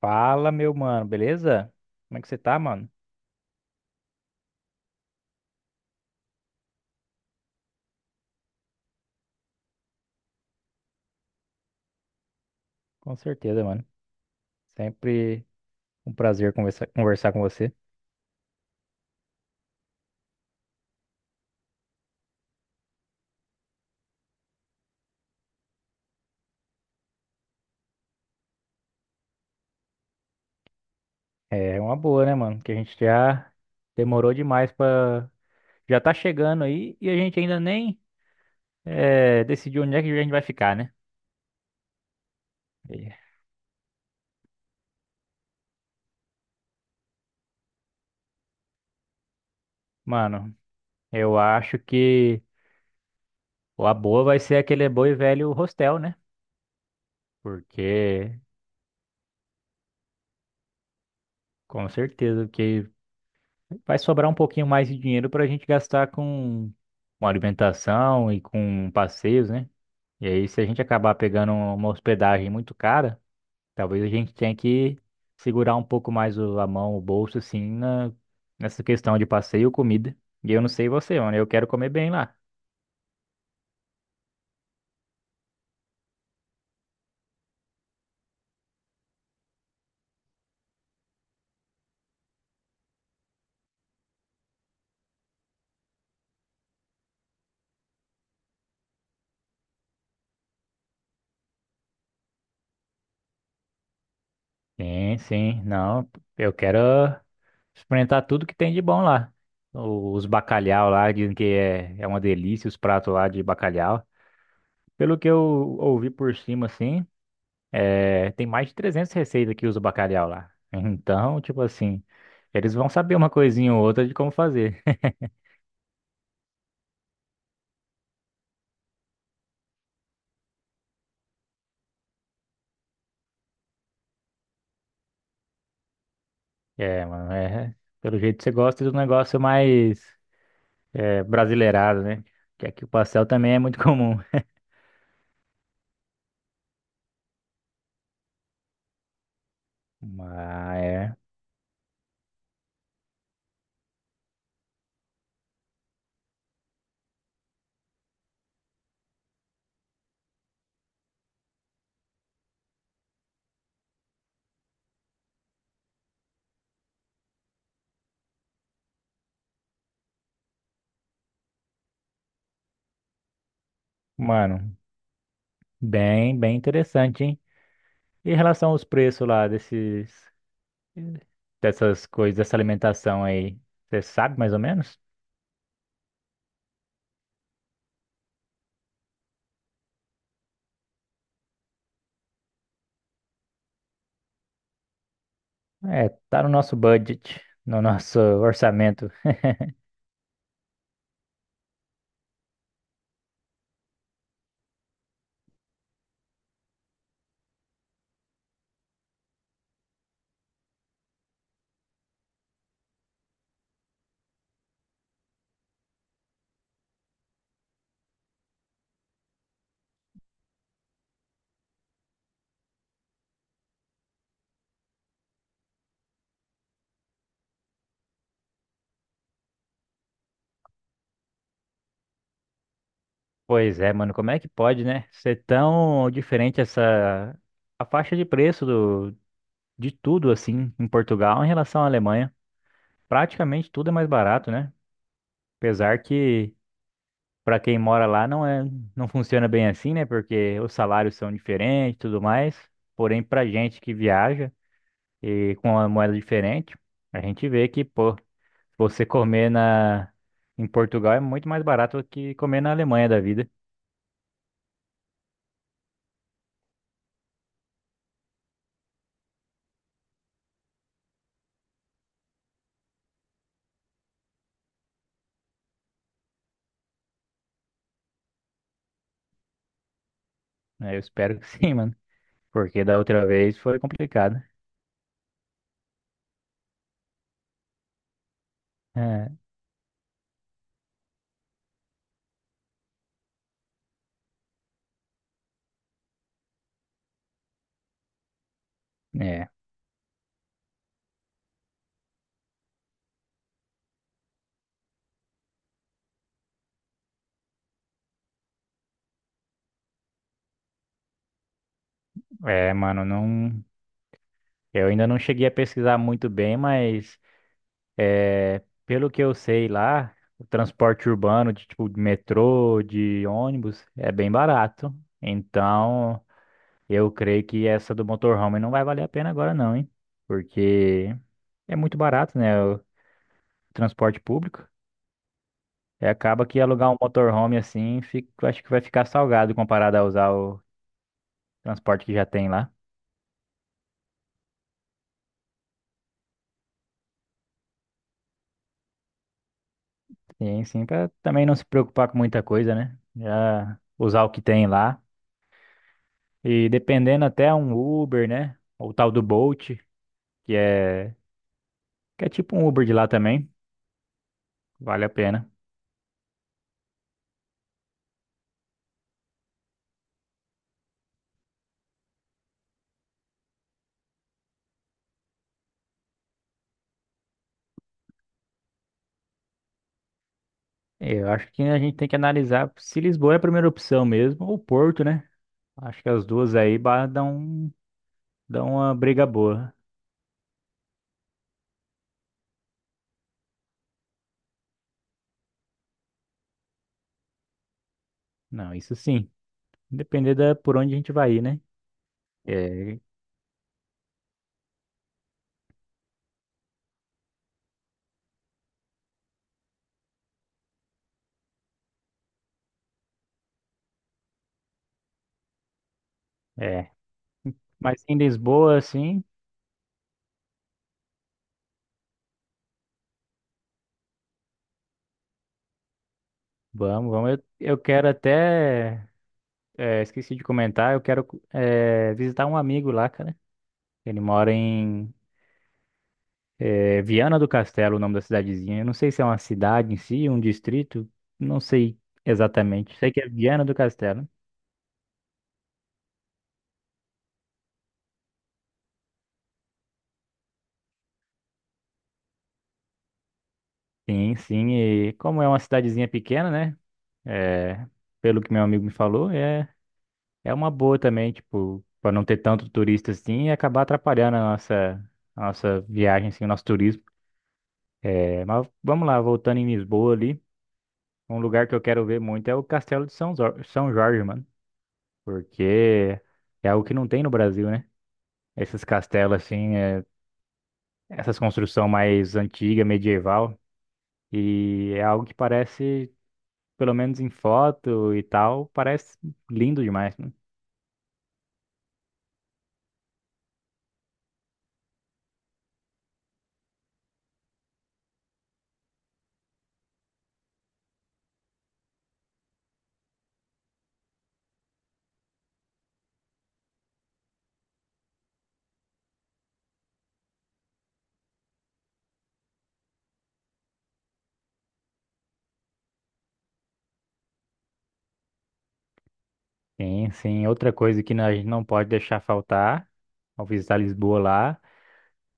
Fala, meu mano, beleza? Como é que você tá, mano? Com certeza, mano. Sempre um prazer conversar com você. É uma boa, né, mano? Que a gente já demorou demais pra. Já tá chegando aí e a gente ainda nem decidiu onde é que a gente vai ficar, né? E, mano, eu acho que a boa vai ser aquele bom e velho hostel, né? Porque, com certeza, que vai sobrar um pouquinho mais de dinheiro para a gente gastar com alimentação e com passeios, né? E aí, se a gente acabar pegando uma hospedagem muito cara, talvez a gente tenha que segurar um pouco mais a mão, o bolso, assim, na, nessa questão de passeio e comida. E eu não sei você, mano, eu quero comer bem lá. Sim, sim, não, eu quero experimentar tudo que tem de bom lá. Os bacalhau lá, dizem que é, é uma delícia os pratos lá de bacalhau. Pelo que eu ouvi por cima, assim. É, tem mais de 300 receitas que usa o bacalhau lá. Então, tipo assim, eles vão saber uma coisinha ou outra de como fazer. É, mano, é, pelo jeito você gosta do negócio mais é, brasileirado, né? Que aqui o pastel também é muito comum. Mas é, mano, bem interessante, hein? E em relação aos preços lá desses, dessas coisas, dessa alimentação aí, você sabe mais ou menos? É, tá no nosso budget, no nosso orçamento. Pois é, mano, como é que pode, né? Ser tão diferente essa a faixa de preço do de tudo assim em Portugal em relação à Alemanha. Praticamente tudo é mais barato, né? Apesar que para quem mora lá não funciona bem assim, né? Porque os salários são diferentes e tudo mais. Porém, pra gente que viaja e com uma moeda diferente, a gente vê que, pô, você comer na em Portugal é muito mais barato do que comer na Alemanha da vida. Né? Eu espero que sim, mano. Porque da outra vez foi complicado. É, é, mano, não. Eu ainda não cheguei a pesquisar muito bem, mas é, pelo que eu sei lá, o transporte urbano de tipo de metrô, de ônibus, é bem barato. Então, eu creio que essa do motorhome não vai valer a pena agora não, hein? Porque é muito barato, né? O transporte público. E acaba que alugar um motorhome assim, acho que vai ficar salgado comparado a usar o transporte que já tem lá. Sim, sim, para também não se preocupar com muita coisa, né? Já usar o que tem lá. E dependendo até um Uber, né? Ou o tal do Bolt, que é, que é tipo um Uber de lá também, vale a pena. Eu acho que a gente tem que analisar se Lisboa é a primeira opção mesmo, ou Porto, né? Acho que as duas dão, dão uma briga boa. Não, isso sim. Depender da, por onde a gente vai ir, né? É, é. Mas em Lisboa, assim, vamos, vamos. Eu quero até. É, esqueci de comentar, eu quero é, visitar um amigo lá, cara. Ele mora em é, Viana do Castelo, o nome da cidadezinha. Eu não sei se é uma cidade em si, um distrito, não sei exatamente. Sei que é Viana do Castelo. Sim, sim, e como é uma cidadezinha pequena, né? É, pelo que meu amigo me falou, é, é uma boa também, tipo, para não ter tanto turista assim e acabar atrapalhando a nossa viagem, assim, o nosso turismo. É, mas vamos lá, voltando em Lisboa ali. Um lugar que eu quero ver muito é o Castelo de São, São Jorge, mano. Porque é algo que não tem no Brasil, né? Esses castelos, assim, é- essas construções mais antiga, medieval. E é algo que parece, pelo menos em foto e tal, parece lindo demais, mano. Sim, sim. Outra coisa que a gente não pode deixar faltar ao visitar Lisboa lá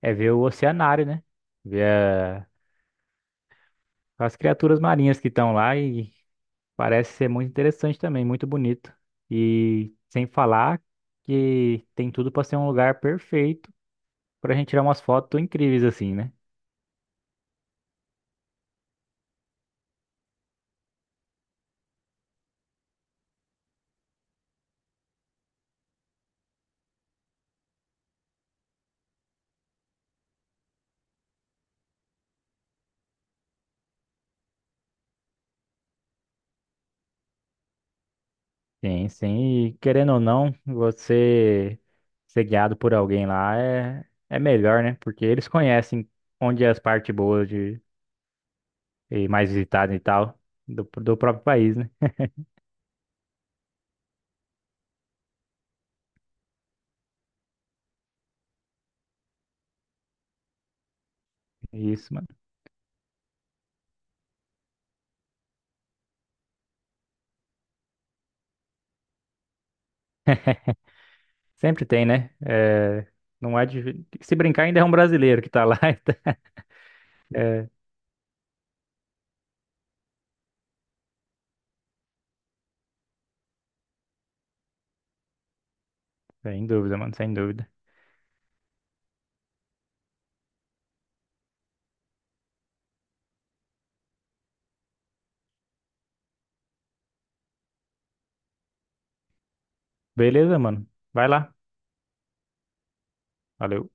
é ver o oceanário, né? Ver a- as criaturas marinhas que estão lá e parece ser muito interessante também, muito bonito. E sem falar que tem tudo para ser um lugar perfeito para a gente tirar umas fotos incríveis assim, né? Sim, sim. E querendo ou não, você ser guiado por alguém lá é, é melhor, né? Porque eles conhecem onde é as partes boas de, e mais visitadas e tal do, do próprio país, né? Isso, mano. Sempre tem, né? É, não é de, se brincar, ainda é um brasileiro que tá lá. Então, é, sem dúvida, mano, sem dúvida. Beleza, mano. Vai lá. Valeu.